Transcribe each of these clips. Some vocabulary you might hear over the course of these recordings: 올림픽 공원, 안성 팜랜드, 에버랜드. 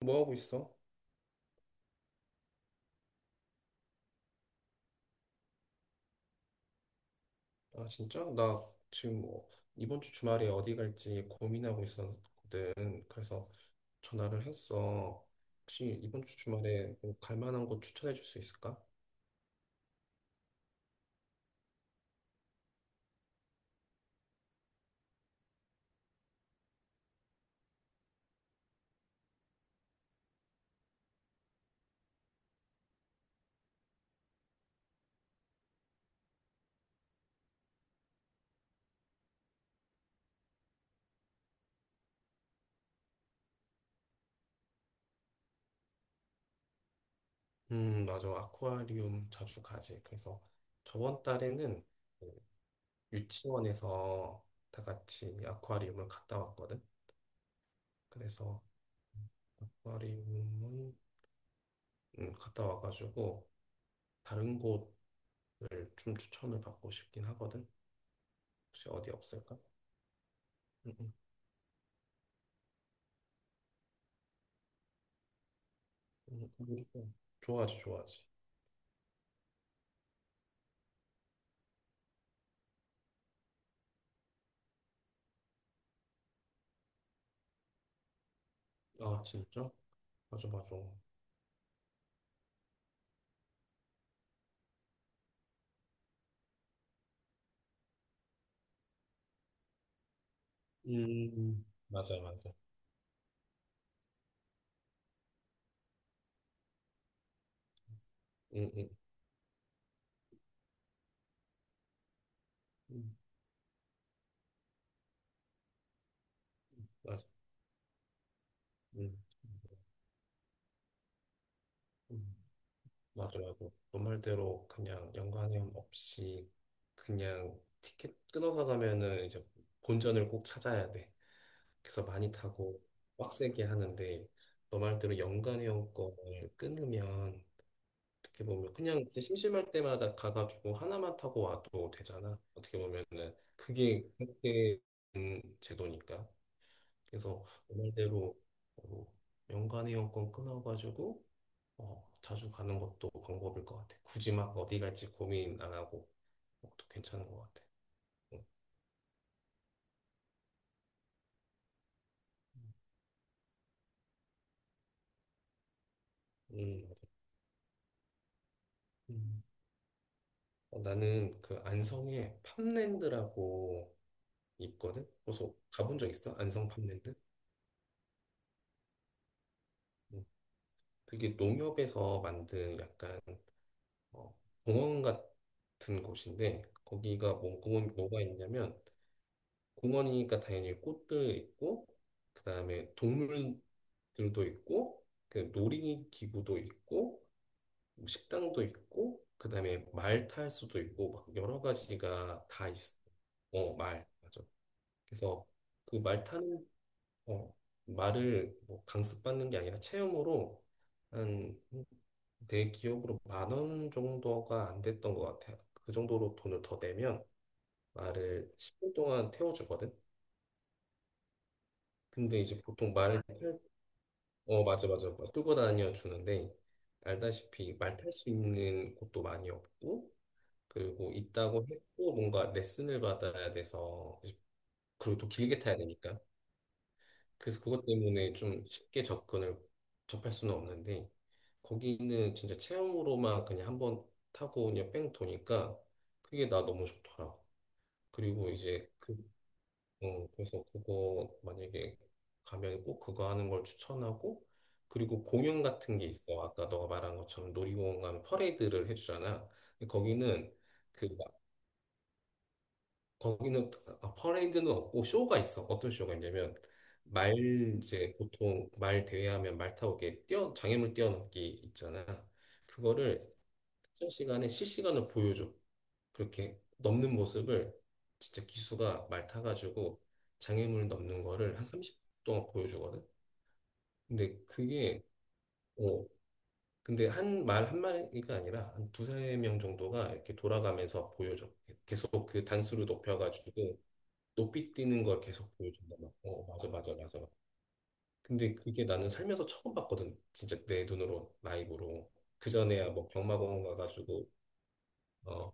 뭐 하고 있어? 아, 진짜? 나 지금 뭐 이번 주 주말에 어디 갈지 고민하고 있었거든. 그래서 전화를 했어. 혹시 이번 주 주말에 뭐갈 만한 곳 추천해 줄 수 있을까? 맞아. 아쿠아리움 자주 가지. 그래서 저번 달에는 그 유치원에서 다 같이 아쿠아리움을 갔다 왔거든. 그래서 아쿠아리움은 갔다 와가지고 다른 곳을 좀 추천을 받고 싶긴 하거든. 혹시 어디 없을까? 음, 음, 음, 음. 좋아하지, 좋아하지. 아, 진짜? 맞아, 맞아. 맞아, 맞아. 음, 음, 음, 맞아. 음, 음, 맞아, 맞아. 너 말대로 그냥 연관형 없이 그냥 티켓 끊어서 가면은 이제 본전을 꼭 찾아야 돼. 그래서 많이 타고 빡세게 하는데 너 말대로 연관형 거를 끊으면 어떻게 보면 그냥 이제 심심할 때마다 가가지고 하나만 타고 와도 되잖아. 어떻게 보면은 그게 그렇게 된 제도니까. 그래서 그 말대로 어, 연간의 연권 끊어가지고 자주 가는 것도 방법일 것 같아. 굳이 막 어디 갈지 고민 안 하고 그것도 괜찮은 것 같아. 응. 음, 음. 나는 그 안성에 팜랜드라고 있거든. 그래서 가본 적 있어? 안성 팜랜드? 음. 그게 농협에서 만든 약간 어, 공원 같은 곳인데 거기가 뭐, 공원, 뭐가 있냐면 공원이니까 당연히 꽃들 있고 그다음에 동물들도 있고 그 놀이기구도 있고 뭐 식당도 있고 그다음에 말탈 수도 있고 막 여러 가지가 다 있어. 어, 말. 맞아. 그래서 그 말 타는 어, 말을 뭐 강습받는 게 아니라 체험으로 한 내 기억으로 10,000원 정도가 안 됐던 것 같아요. 그 정도로 돈을 더 내면 말을 10분 동안 태워주거든. 근데 이제 보통 말을 탈, 어, 맞아, 맞아. 맞아. 끌고 다녀 주는데 알다시피 말 탈 수 있는 곳도 많이 없고 그리고 있다고 해도 뭔가 레슨을 받아야 돼서 그리고 또 길게 타야 되니까 그래서 그것 때문에 좀 쉽게 접근을 접할 수는 없는데 거기는 진짜 체험으로만 그냥 한번 타고 그냥 뺑 도니까 그게 나 너무 좋더라고. 그리고 이제 그 그래서 그거 만약에 가면 꼭 그거 하는 걸 추천하고 그리고 공연 같은 게 있어. 아까 너가 말한 것처럼 놀이공원 가면 퍼레이드를 해주잖아. 근데 그 거기는 아, 퍼레이드는 없고 쇼가 있어. 어떤 쇼가 있냐면 말 이제 보통 말 대회하면 말 타고 이렇게 뛰어 장애물 뛰어넘기 있잖아. 그거를 특정 시간에 실시간으로 보여줘. 그렇게 넘는 모습을 진짜 기수가 말 타가지고 장애물 넘는 거를 한 30분 동안 보여주거든. 근데 그게 어, 근데 한 말 한마디가 아니라 한 두세 명 정도가 이렇게 돌아가면서 보여줘. 계속 그 단수를 높여가지고 높이 뛰는 걸 계속 보여준다. 막. 어, 맞아, 맞아, 맞아. 근데 그게 나는 살면서 처음 봤거든. 진짜 내 눈으로, 라이브로. 그전에야 뭐 병마공원 가가지고, 어,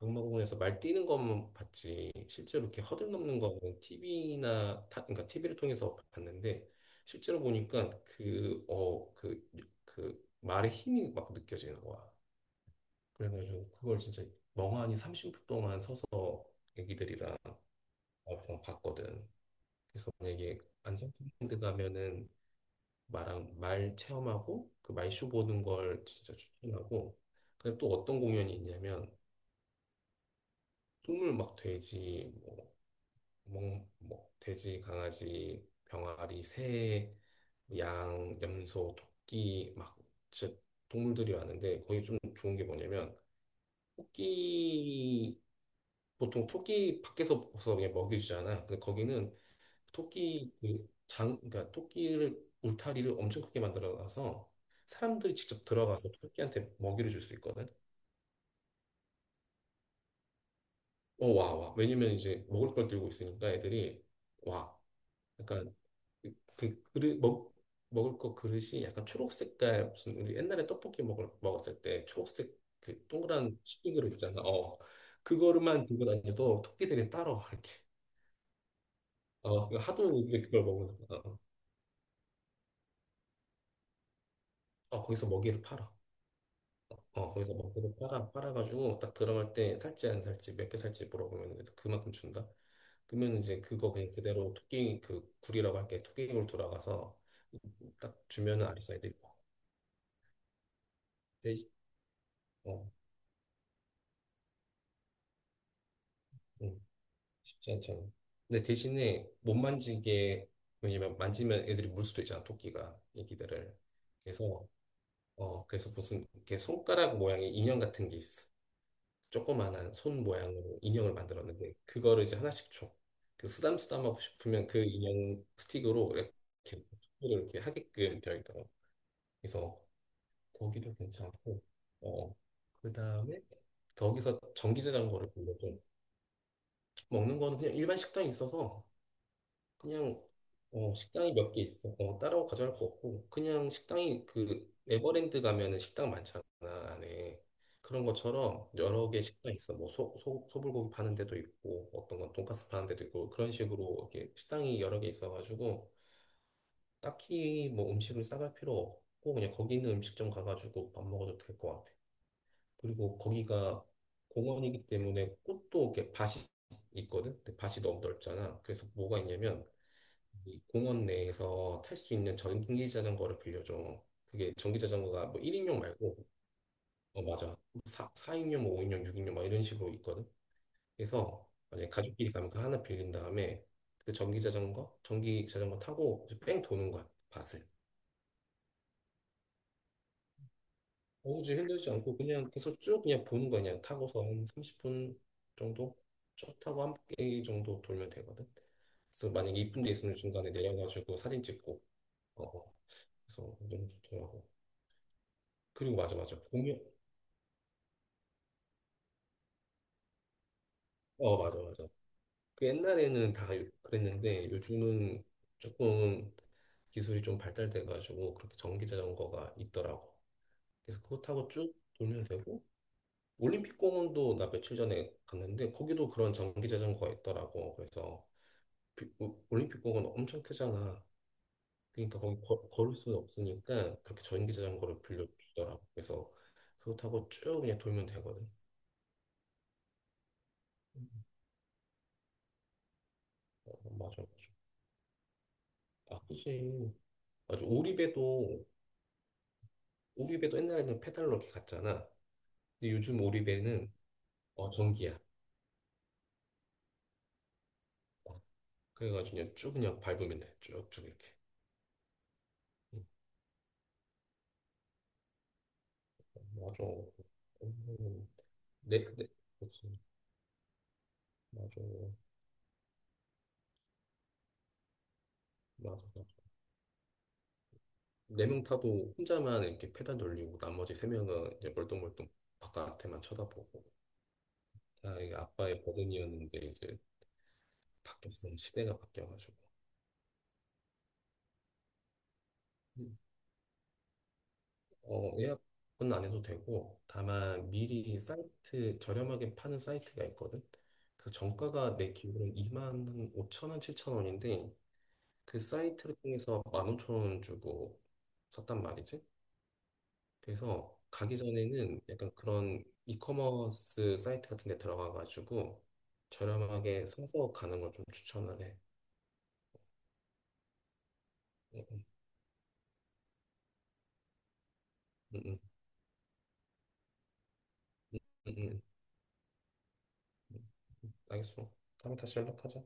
병마공원에서 말 뛰는 것만 봤지. 실제로 이렇게 허들 넘는 거는 TV나, 그러니까 티비를 통해서 봤는데, 실제로 보니까 그 말의 힘이 막 느껴지는 거야. 그래가지고 그걸 진짜 멍하니 30분 동안 서서 애기들이랑 와이프랑 봤거든. 그래서 만약에 안성랜드 가면은 말랑 말 체험하고 그 말쇼 보는 걸 진짜 추천하고 근데 또 어떤 공연이 있냐면 동물 막 돼지 뭐, 뭐 돼지 강아지 병아리 새 양, 염소, 토끼 막 진짜 동물들이 왔는데 거기 좀 좋은 게 뭐냐면 토끼 보통 토끼 밖에서 벗어 그냥 먹여주잖아. 근데 거기는 토끼 그러니까 토끼를 울타리를 엄청 크게 만들어놔서 사람들이 직접 들어가서 토끼한테 먹이를 줄 수 있거든. 어, 와, 와. 왜냐면 이제 먹을 걸 들고 있으니까 애들이 와. 약간 그, 그 그릇 먹 먹을 거 그릇이 약간 초록 색깔 무슨 우리 옛날에 떡볶이 먹을 먹었을 때 초록색 그 동그란 치킨 그릇 있잖아. 어. 그거만 들고 다녀도 토끼들이 따라와 이렇게. 어, 그 하도 이제 그걸 먹는 거야. 어, 어, 거기서 먹이를 팔아. 어, 거기서 먹이를 팔아, 팔아가지고 딱 들어갈 때 살지 안 살지, 몇 개 살지 물어보면 이제 그만큼 준다. 그러면 이제 그거 그냥 그대로 토끼 그 굴이라고 할게 토끼굴 돌아가서 딱 주면은 아리사이드 입어. 대신, 어, 음, 쉽지 않잖아. 근데 대신에 못 만지게, 왜냐면 만지면 애들이 물 수도 있잖아, 토끼가, 애기들을. 그래서, 그래서 무슨 이렇게 손가락 모양의 인형 같은 게 있어. 조그만한 손 모양으로 인형을 만들었는데 그거를 이제 하나씩 줘. 그 쓰담쓰담하고 싶으면 그 인형 스틱으로 이렇게 토끼를 이렇게 하게끔 되어 있더라고. 그래서 거기도 괜찮고 어 그다음에 거기서 전기자전거를 보려고. 먹는 거는 그냥 일반 식당이 있어서 그냥 식당이 몇 개 있어. 어, 따로 가져갈 거 없고 그냥 식당이 그 에버랜드 가면은 식당 많잖아 안에. 그런 것처럼 여러 개 식당 있어. 뭐 소불고기 파는 데도 있고 어떤 건 돈가스 파는 데도 있고 그런 식으로 이렇게 식당이 여러 개 있어가지고 딱히 뭐 음식을 싸갈 필요 없고 그냥 거기 있는 음식점 가가지고 밥 먹어도 될 것 같아. 그리고 거기가 공원이기 때문에 꽃도 이렇게 밭이 있거든. 근데 밭이 너무 넓잖아. 그래서 뭐가 있냐면 이 공원 내에서 탈 수 있는 전기 자전거를 빌려줘. 그게 전기 자전거가 뭐 1인용 말고, 어, 맞아. 4, 사인용 뭐 5인용, 6인용 막 이런 식으로 있거든. 그래서 만약에 가족끼리 가면 그 하나 빌린 다음에 그 전기 자전거 타고 이제 뺑 도는 거야, 밭을. 어우지 힘들지 않고 그냥 계속 쭉 그냥 보는 거야. 그냥 타고서 한 30분 정도 쭉 타고 한 바퀴 정도 돌면 되거든. 그래서 만약에 이쁜 데 있으면 중간에 내려가지고 사진 찍고, 어, 어. 그래서 너무 좋더라고. 그리고 맞아 맞아 공연 어 맞아 맞아 그 옛날에는 다 그랬는데 요즘은 조금 기술이 좀 발달돼 가지고 그렇게 전기 자전거가 있더라고. 그래서 그거 타고 쭉 돌면 되고 올림픽 공원도 나 며칠 전에 갔는데 거기도 그런 전기 자전거가 있더라고. 그래서 올림픽 공원 엄청 크잖아. 그러니까 거기 걸을 수는 없으니까 그렇게 전기 자전거를 빌려주더라고. 그래서 그거 타고 쭉 그냥 돌면 되거든. 음, 어, 맞아 맞아 아 그치 맞아. 오리배도 옛날에는 페달로 이렇게 갔잖아. 근데 요즘 오리배는 전기야. 어, 그래가지고 그냥 쭉 그냥 밟으면 돼. 쭉쭉 이렇게. 음, 맞아. 음, 네, 네. 그렇지. 맞아. 맞아. 맞아. 네 명 타도 혼자만 이렇게 페달 돌리고 나머지 세 명은 이제 멀뚱멀뚱 바깥에만 쳐다보고. 다 이게 아빠의 버든이었는데 이제 바뀌었어. 시대가 바뀌어가지고. 어, 예약은 안 해도 되고, 다만 미리 사이트, 저렴하게 파는 사이트가 있거든. 그래서 정가가 내 기준으로 2만 오천 원, 7천 원인데, 그 사이트를 통해서 1만 오천 원 주고 샀단 말이지. 그래서 가기 전에는 약간 그런 이커머스 사이트 같은 데 들어가가지고 저렴하게 사서 가는 걸 좀 추천을 해. 응, 응, 응, 응, 응, 응. 알겠어. 다음에 다시 연락하자.